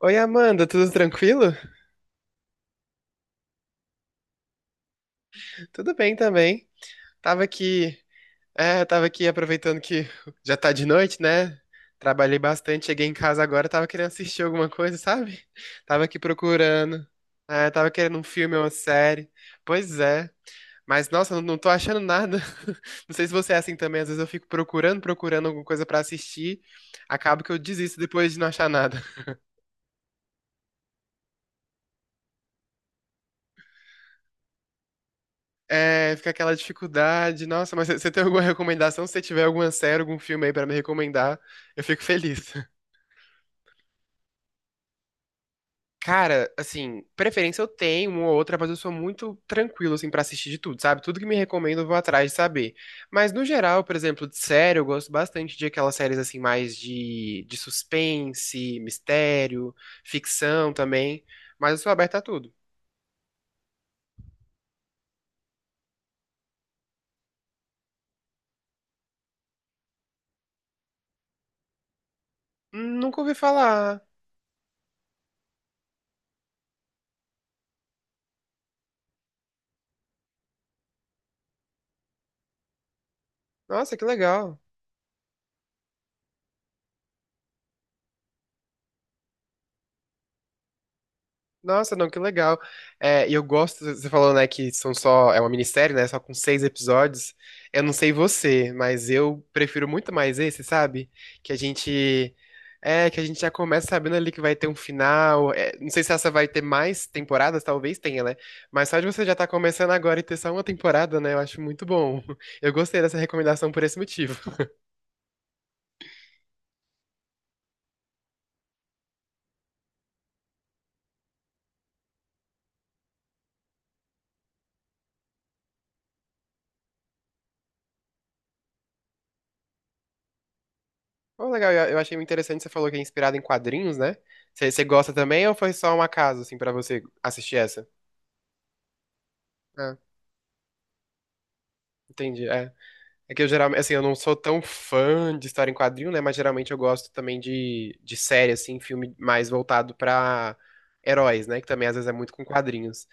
Oi, Amanda, tudo tranquilo? Tudo bem também. Tava aqui, tava aqui aproveitando que já tá de noite, né? Trabalhei bastante, cheguei em casa agora, tava querendo assistir alguma coisa, sabe? Tava aqui procurando. É, tava querendo um filme ou uma série. Pois é. Mas, nossa, não tô achando nada. Não sei se você é assim também, às vezes eu fico procurando, procurando alguma coisa pra assistir, acabo que eu desisto depois de não achar nada. É, fica aquela dificuldade. Nossa, mas você tem alguma recomendação? Se você tiver alguma série, algum filme aí pra me recomendar, eu fico feliz. Cara, assim, preferência eu tenho uma ou outra, mas eu sou muito tranquilo, assim, pra assistir de tudo, sabe? Tudo que me recomendo eu vou atrás de saber. Mas no geral, por exemplo, de série, eu gosto bastante de aquelas séries, assim, mais de suspense, mistério, ficção também. Mas eu sou aberto a tudo. Nunca ouvi falar. Nossa, que legal. Nossa, não, que legal. É, e eu gosto, você falou, né, que são só, é uma minissérie, né, só com 6 episódios. Eu não sei você, mas eu prefiro muito mais esse, sabe? Que a gente, que a gente já começa sabendo ali que vai ter um final. É, não sei se essa vai ter mais temporadas, talvez tenha, né? Mas só de você já estar começando agora e ter só uma temporada, né, eu acho muito bom. Eu gostei dessa recomendação por esse motivo. Bom, legal, eu achei muito interessante, você falou que é inspirado em quadrinhos, né? Você gosta também ou foi só um acaso, assim, pra você assistir essa? Ah, entendi. É. É que eu geralmente, assim, eu não sou tão fã de história em quadrinho, né? Mas geralmente eu gosto também de série, assim, filme mais voltado pra heróis, né? Que também às vezes é muito com quadrinhos.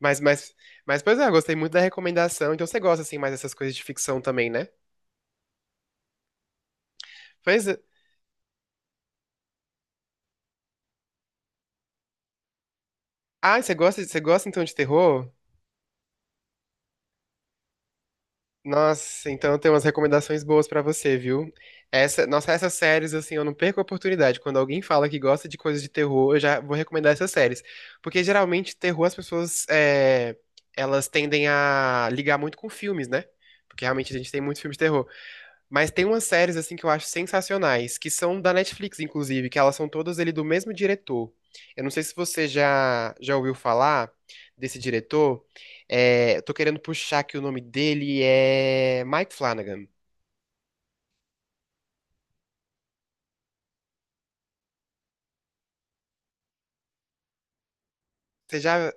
Mas, mas, mas, pois é, eu gostei muito da recomendação. Então você gosta, assim, mais dessas coisas de ficção também, né? Pois é. Ah, você gosta então de terror? Nossa, então tem umas recomendações boas pra você, viu? Essa, nossa, essas séries, assim, eu não perco a oportunidade. Quando alguém fala que gosta de coisas de terror, eu já vou recomendar essas séries. Porque geralmente, terror, as pessoas, elas tendem a ligar muito com filmes, né? Porque realmente a gente tem muitos filmes de terror. Mas tem umas séries assim que eu acho sensacionais, que são da Netflix, inclusive, que elas são todas ele do mesmo diretor. Eu não sei se você já ouviu falar desse diretor. É, eu tô querendo puxar que o nome dele é Mike Flanagan. Você já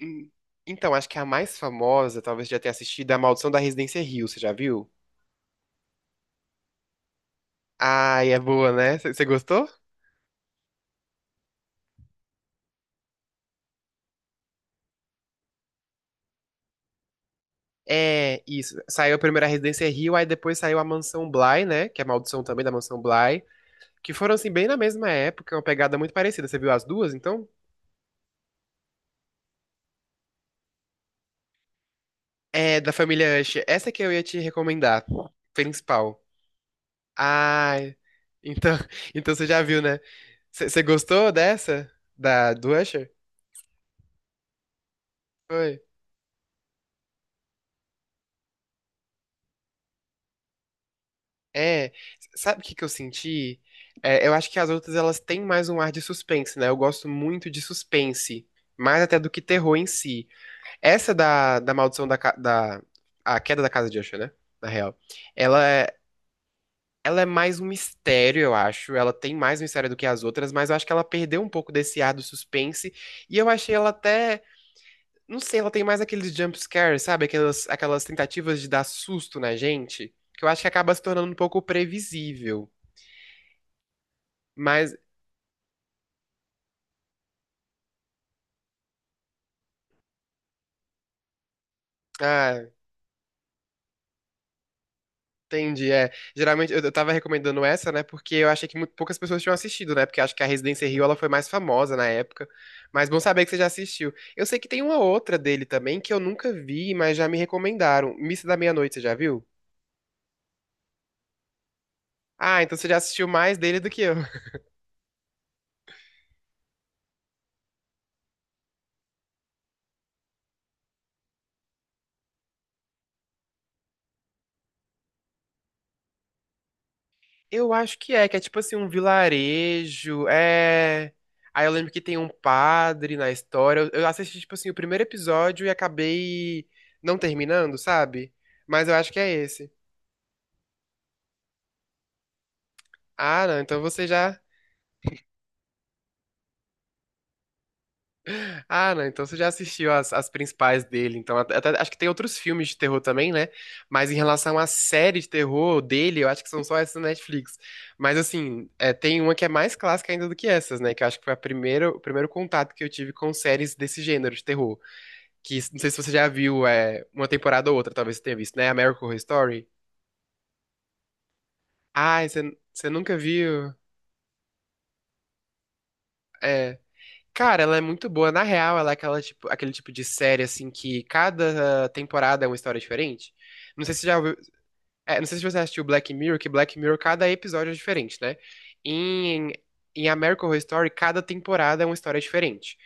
hum, então, acho que é a mais famosa, talvez você já tenha assistido, é A Maldição da Residência Hill, você já viu? Ai, é boa, né? Você gostou? É, isso. Saiu a primeira Residência Hill, aí depois saiu a Mansão Bly, né? Que é a maldição também da Mansão Bly. Que foram assim bem na mesma época, uma pegada muito parecida. Você viu as duas, então? É da família Usher. Essa que eu ia te recomendar, principal. Ah, então, então você já viu, né? Você gostou dessa da do Usher? Foi. É, sabe o que que eu senti? É, eu acho que as outras elas têm mais um ar de suspense, né? Eu gosto muito de suspense, mais até do que terror em si. Essa da maldição da a queda da casa de Usher, né? Na real. Ela, é, Ela é mais um mistério, eu acho. Ela tem mais mistério do que as outras, mas eu acho que ela perdeu um pouco desse ar do suspense. E eu achei ela até. Não sei, ela tem mais aqueles jump scares, sabe? Aquelas tentativas de dar susto na gente, que eu acho que acaba se tornando um pouco previsível. Mas. Ah, entendi, é. Geralmente eu tava recomendando essa, né? Porque eu achei que poucas pessoas tinham assistido, né? Porque acho que a Residência Rio ela foi mais famosa na época. Mas bom saber que você já assistiu. Eu sei que tem uma outra dele também que eu nunca vi, mas já me recomendaram. Missa da Meia-Noite, você já viu? Ah, então você já assistiu mais dele do que eu. Eu acho que é tipo assim, um vilarejo. É. Aí eu lembro que tem um padre na história. Eu assisti, tipo assim, o primeiro episódio e acabei não terminando, sabe? Mas eu acho que é esse. Ah, não, então você já. Ah, não, então você já assistiu as, as principais dele. Então, acho que tem outros filmes de terror também, né? Mas em relação à série de terror dele, eu acho que são só essas na Netflix. Mas assim, é, tem uma que é mais clássica ainda do que essas, né? Que eu acho que foi a primeira, o primeiro contato que eu tive com séries desse gênero de terror. Que não sei se você já viu é, uma temporada ou outra, talvez você tenha visto, né? American Horror Story. Ah, você nunca viu? É. Cara, ela é muito boa. Na real, ela é aquela tipo, aquele tipo de série, assim, que cada temporada é uma história diferente. Não sei se você já ouviu, é, não sei se você assistiu Black Mirror, que Black Mirror, cada episódio é diferente, né? Em, em American Horror Story, cada temporada é uma história diferente.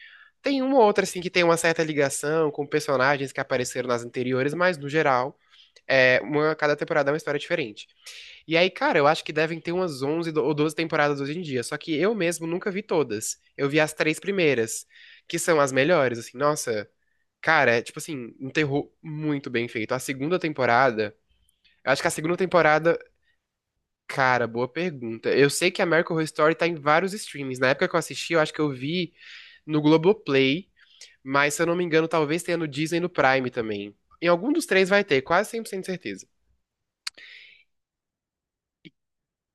Tem uma ou outra, assim, que tem uma certa ligação com personagens que apareceram nas anteriores, mas, no geral, é uma, cada temporada é uma história diferente. E aí, cara, eu acho que devem ter umas 11 ou 12 temporadas hoje em dia. Só que eu mesmo nunca vi todas. Eu vi as três primeiras, que são as melhores, assim. Nossa, cara, é, tipo assim, um terror muito bem feito. A segunda temporada, eu acho que a segunda temporada, cara, boa pergunta. Eu sei que a American Horror Story tá em vários streams. Na época que eu assisti, eu acho que eu vi no Globoplay, mas se eu não me engano, talvez tenha no Disney e no Prime também. Em algum dos três vai ter, quase cem por cento de certeza.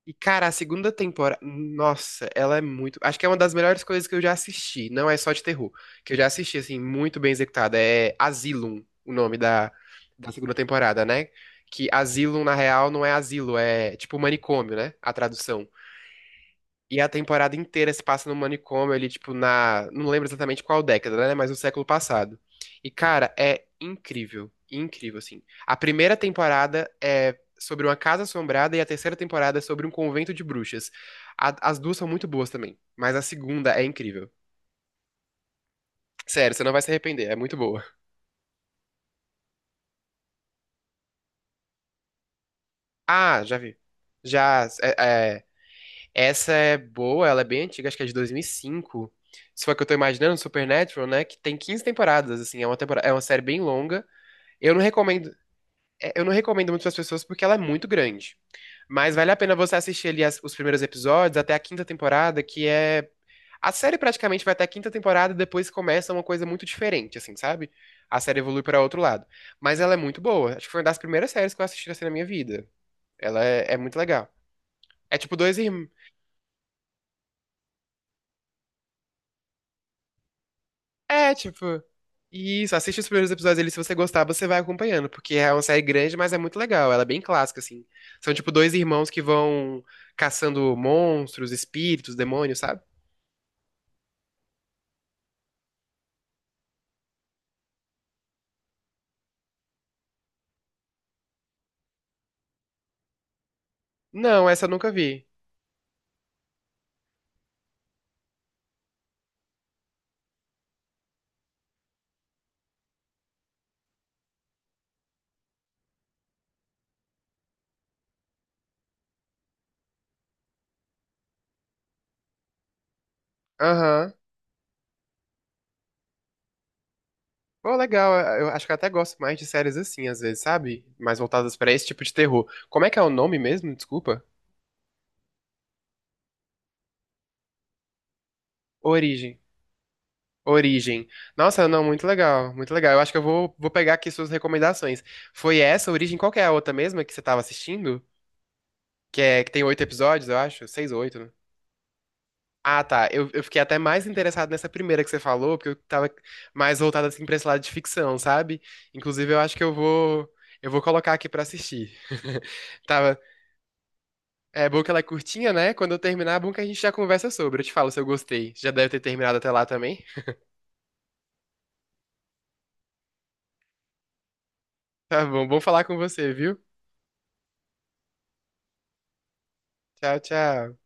E, cara, a segunda temporada, nossa, ela é muito. Acho que é uma das melhores coisas que eu já assisti. Não é só de terror, que eu já assisti, assim, muito bem executada. É Asylum, o nome da segunda temporada, né? Que Asylum, na real, não é asilo, é tipo manicômio, né? A tradução. E a temporada inteira se passa no manicômio ali, tipo, na. Não lembro exatamente qual década, né? Mas no século passado. E, cara, é incrível. Incrível, assim. A primeira temporada é sobre uma casa assombrada e a terceira temporada é sobre um convento de bruxas. As duas são muito boas também. Mas a segunda é incrível. Sério, você não vai se arrepender. É muito boa. Ah, já vi. Já. É, Essa é boa, ela é bem antiga, acho que é de 2005. Se for a que eu tô imaginando, Supernatural, né? Que tem 15 temporadas, assim, é uma temporada, é uma série bem longa. Eu não recomendo, é, eu não recomendo muito pras pessoas porque ela é muito grande. Mas vale a pena você assistir ali os primeiros episódios até a quinta temporada, que é a série praticamente vai até a quinta temporada e depois começa uma coisa muito diferente, assim, sabe? A série evolui para outro lado. Mas ela é muito boa. Acho que foi uma das primeiras séries que eu assisti assim na minha vida. É muito legal. É tipo dois irmãos. É, tipo. Isso, assiste os primeiros episódios ali, se você gostar, você vai acompanhando, porque é uma série grande, mas é muito legal, ela é bem clássica, assim. São, tipo, dois irmãos que vão caçando monstros, espíritos, demônios, sabe? Não, essa eu nunca vi. Aham. Pô, legal, eu acho que eu até gosto mais de séries assim, às vezes, sabe? Mais voltadas pra esse tipo de terror. Como é que é o nome mesmo? Desculpa. Origem. Origem. Nossa, não, muito legal, muito legal. Eu acho que vou pegar aqui suas recomendações. Foi essa, Origem? Qual que é a outra mesma que você tava assistindo? Que, é, que tem 8 episódios, eu acho. Seis ou oito, né? Ah, tá. Eu fiquei até mais interessado nessa primeira que você falou, porque eu tava mais voltado assim pra esse lado de ficção, sabe? Inclusive, eu acho que eu vou. Eu vou colocar aqui pra assistir. Tava. É bom que ela é curtinha, né? Quando eu terminar, é bom que a gente já conversa sobre. Eu te falo se eu gostei. Já deve ter terminado até lá também. Tá bom, bom falar com você, viu? Tchau, tchau.